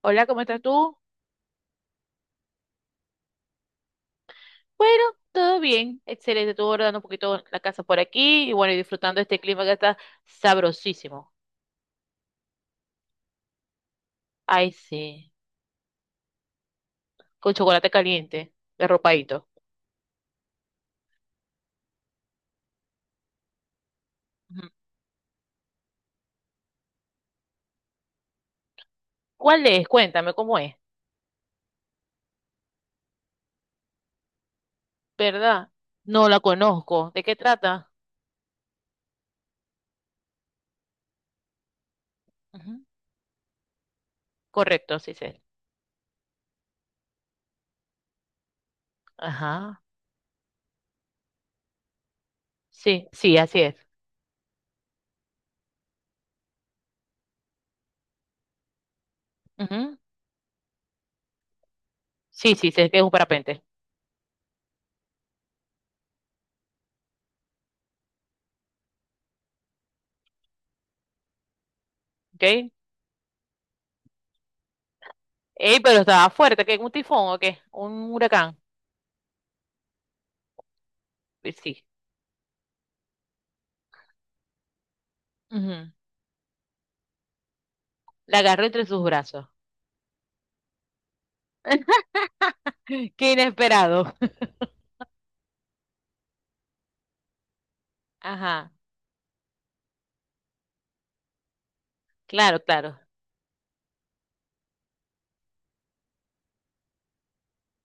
Hola, ¿cómo estás tú? Bueno, todo bien, excelente. Estuve guardando un poquito la casa por aquí y bueno, y disfrutando de este clima que está sabrosísimo. Ay, sí, con chocolate caliente, arropadito. Ujú. ¿Cuál es? Cuéntame cómo es, ¿verdad? No la conozco. ¿De qué trata? Ujú. Correcto, sí sé. Ajá. Sí, sí, así es. Ujú. Sí, sí, sé que es un parapente. ¿Ok? Ey, pero estaba fuerte, ¿qué? ¿Un tifón o qué? ¿Un huracán? Sí. Ujú. La agarró entre sus brazos. Qué inesperado. Ajá, claro, claro.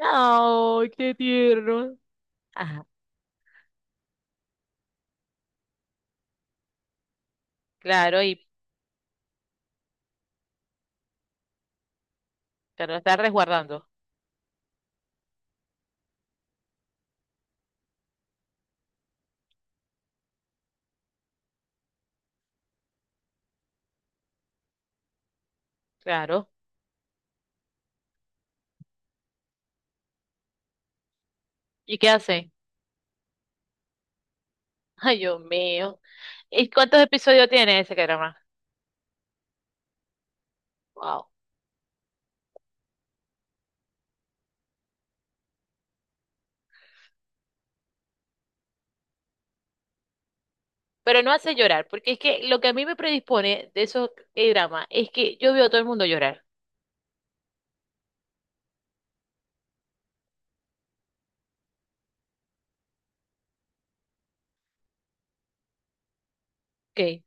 Ay, qué tierno. Ajá, claro, y pero está resguardando. Claro. ¿Y qué hace? Ay, Dios mío. ¿Y cuántos episodios tiene ese drama? Wow. Pero no hace llorar, porque es que lo que a mí me predispone de esos dramas es que yo veo a todo el mundo llorar. Ok.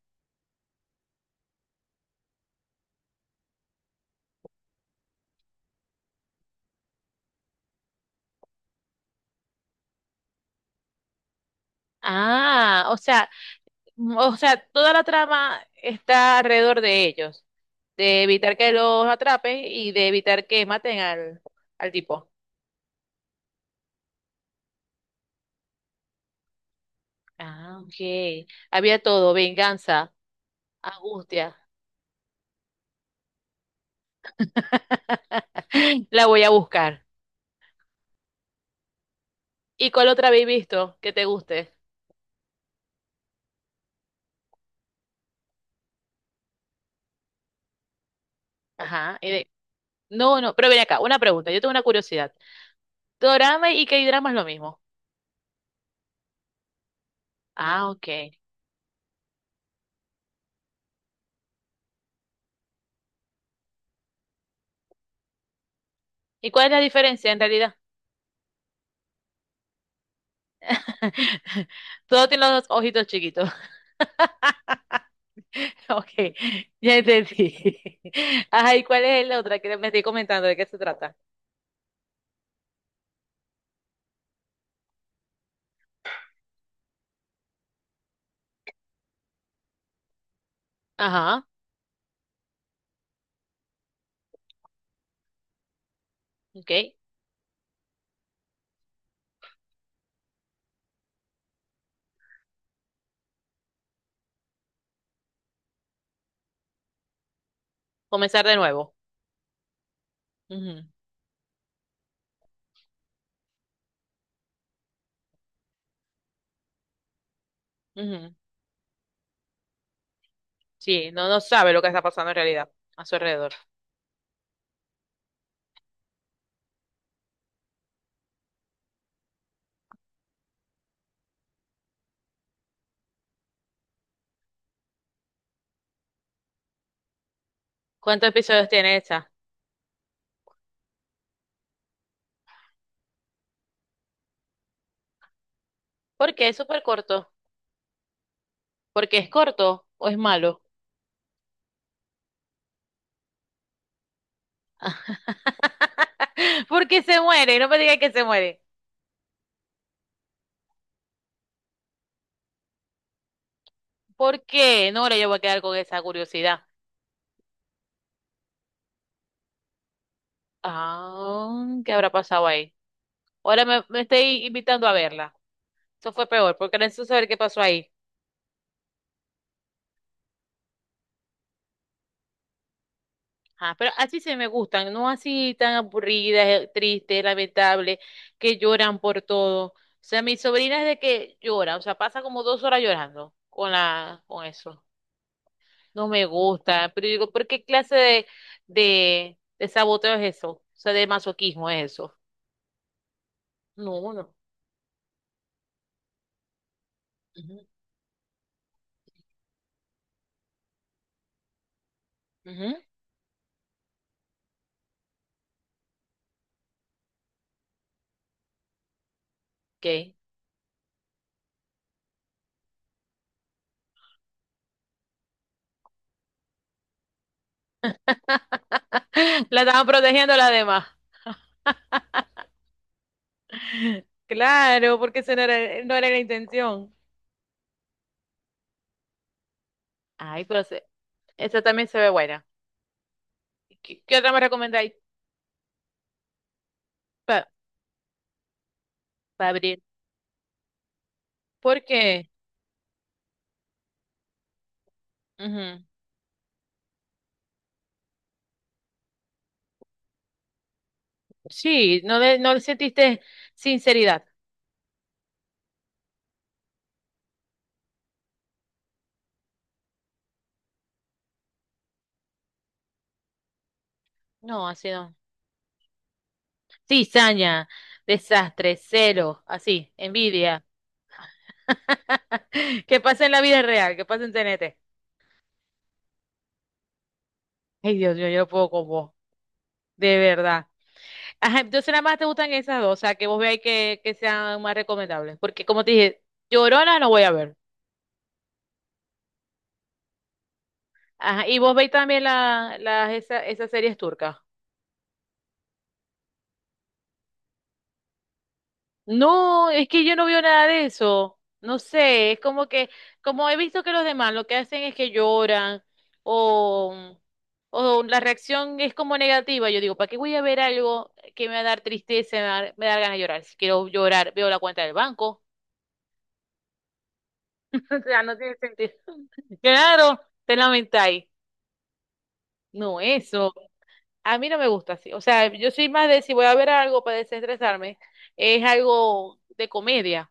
Ah, o sea, o sea, toda la trama está alrededor de ellos, de evitar que los atrapen y de evitar que maten al, al tipo. Ah, ok. Había todo, venganza, angustia. La voy a buscar. ¿Y cuál otra habéis visto que te guste? Ajá. No, no, pero ven acá, una pregunta, yo tengo una curiosidad. ¿Dorama y K-drama es lo mismo? Ah, ok. ¿Y cuál es la diferencia en realidad? Todo tiene los ojitos chiquitos. Ok, ya entendí. Ajá, ¿y cuál es la otra que me estoy comentando? ¿De qué se trata? Ajá, ok. Comenzar de nuevo. Ujú, ujú. Sí, no, no sabe lo que está pasando en realidad a su alrededor. ¿Cuántos episodios tiene esta? ¿Por qué es súper corto? ¿Porque es corto o es malo? Porque se muere, no me digas que se muere. ¿Por qué? No, ahora yo voy a quedar con esa curiosidad. Ah, ¿qué habrá pasado ahí? Ahora me estoy invitando a verla. Eso fue peor, porque era eso saber qué pasó ahí. Ajá, pero así se me gustan, no así tan aburridas, tristes, lamentables, que lloran por todo. O sea, mi sobrina es de que llora, o sea, pasa como dos horas llorando con con eso. No me gusta, pero yo digo, ¿por qué clase de, de saboteo es eso? O sea, de masoquismo es eso. No, no. Ujú, ujú, ok. La estaban protegiendo las demás. Claro, porque eso no era, no era la intención. Ay, pero esta también se ve buena. ¿Qué, qué otra me recomendáis para abrir? Porque, ujú, Sí, no, no le sentiste sinceridad. No, así no. Cizaña, desastre, celo, así, envidia. Que pasa en la vida real, que pasa en TNT. Ay, Dios mío, yo no puedo con vos, de verdad. Ajá, entonces nada más te gustan esas dos, o sea, que vos veáis que sean más recomendables. Porque como te dije, llorona no voy a ver. Ajá, y vos veis también la, las, esas series turcas. No, es que yo no veo nada de eso. No sé, es como que, como he visto que los demás lo que hacen es que lloran o, o la reacción es como negativa. Yo digo, ¿para qué voy a ver algo que me va a dar tristeza, me va a dar ganas de llorar? Si quiero llorar, veo la cuenta del banco. O sea, no tiene sentido. Claro, te lamentáis. No, eso. A mí no me gusta así. O sea, yo soy más de si voy a ver algo para desestresarme, es algo de comedia.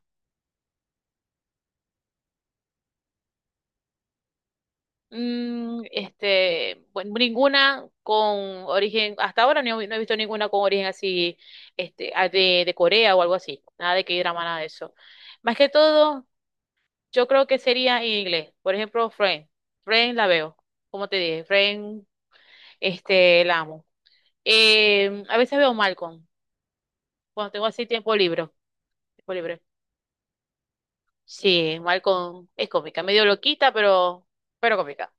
Bueno, ninguna con origen, hasta ahora no, he no he visto ninguna con origen así, de, Corea o algo así. Nada de que drama, nada de eso. Más que todo, yo creo que sería en inglés. Por ejemplo, Friends. Friends la veo. Como te dije, Friends, la amo. A veces veo Malcolm, cuando tengo así tiempo libre. Tiempo libre. Sí, Malcolm es cómica, medio loquita, pero cómica.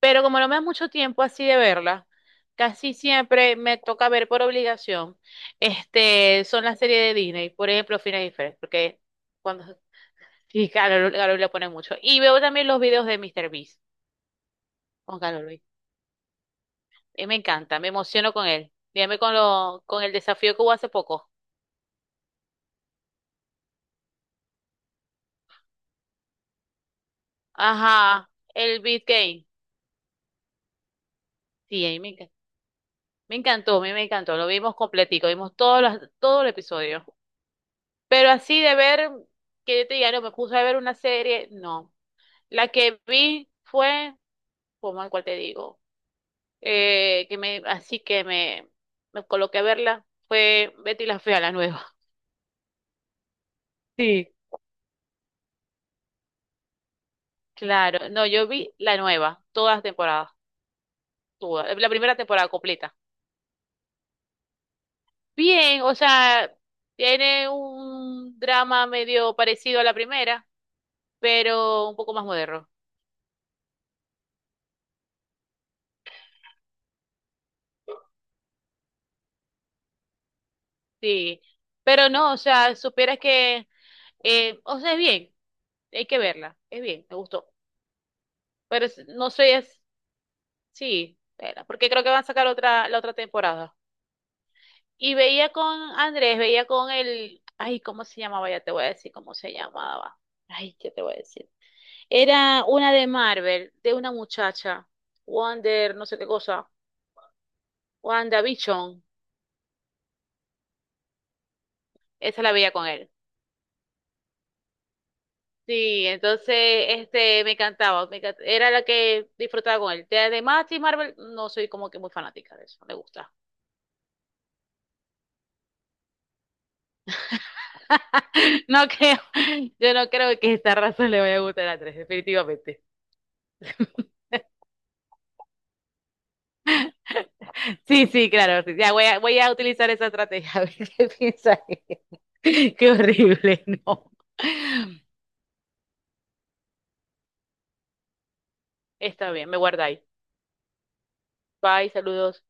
Pero como no me da mucho tiempo así de verla, casi siempre me toca ver por obligación, son las series de Disney, por ejemplo, Phineas y Ferb, porque cuando, sí, Carol le pone mucho. Y veo también los videos de Mr. Beast con Carol Luis. Y me encanta, me emociono con él. Dígame con con el desafío que hubo hace poco. Ajá, el Beat Game. Sí, a mí me encanta. Me encantó, a mí me encantó. Lo vimos completico, vimos todo el episodio. Pero así de ver, que yo te diga, no, me puse a ver una serie, no. La que vi fue, como cual te digo, que me, así que me coloqué a verla, fue Betty la Fea, la nueva. Sí. Claro, no, yo vi la nueva, todas las temporadas, todas, la primera temporada completa. Bien, o sea, tiene un drama medio parecido a la primera, pero un poco más moderno. Sí, pero no, o sea, supieras que, o sea, es bien. Hay que verla. Es bien, me gustó. Pero no sé, es, sí, verla, porque creo que van a sacar otra, la otra temporada. Y veía con Andrés, veía con el, ay, ¿cómo se llamaba? Ya te voy a decir cómo se llamaba. Ay, ¿qué te voy a decir? Era una de Marvel, de una muchacha, Wonder, no sé qué cosa, WandaVision. Esa la veía con él. Sí, entonces este me encantaba, era la que disfrutaba con él. De, Marvel, no soy como que muy fanática de eso, no me gusta. No creo, yo no creo que esta raza le vaya a gustar a tres, definitivamente. Sí, sí, claro, sí, ya voy a utilizar esa estrategia, a ver qué piensa ella. Qué horrible, no. Está bien, me guardáis. Bye, saludos.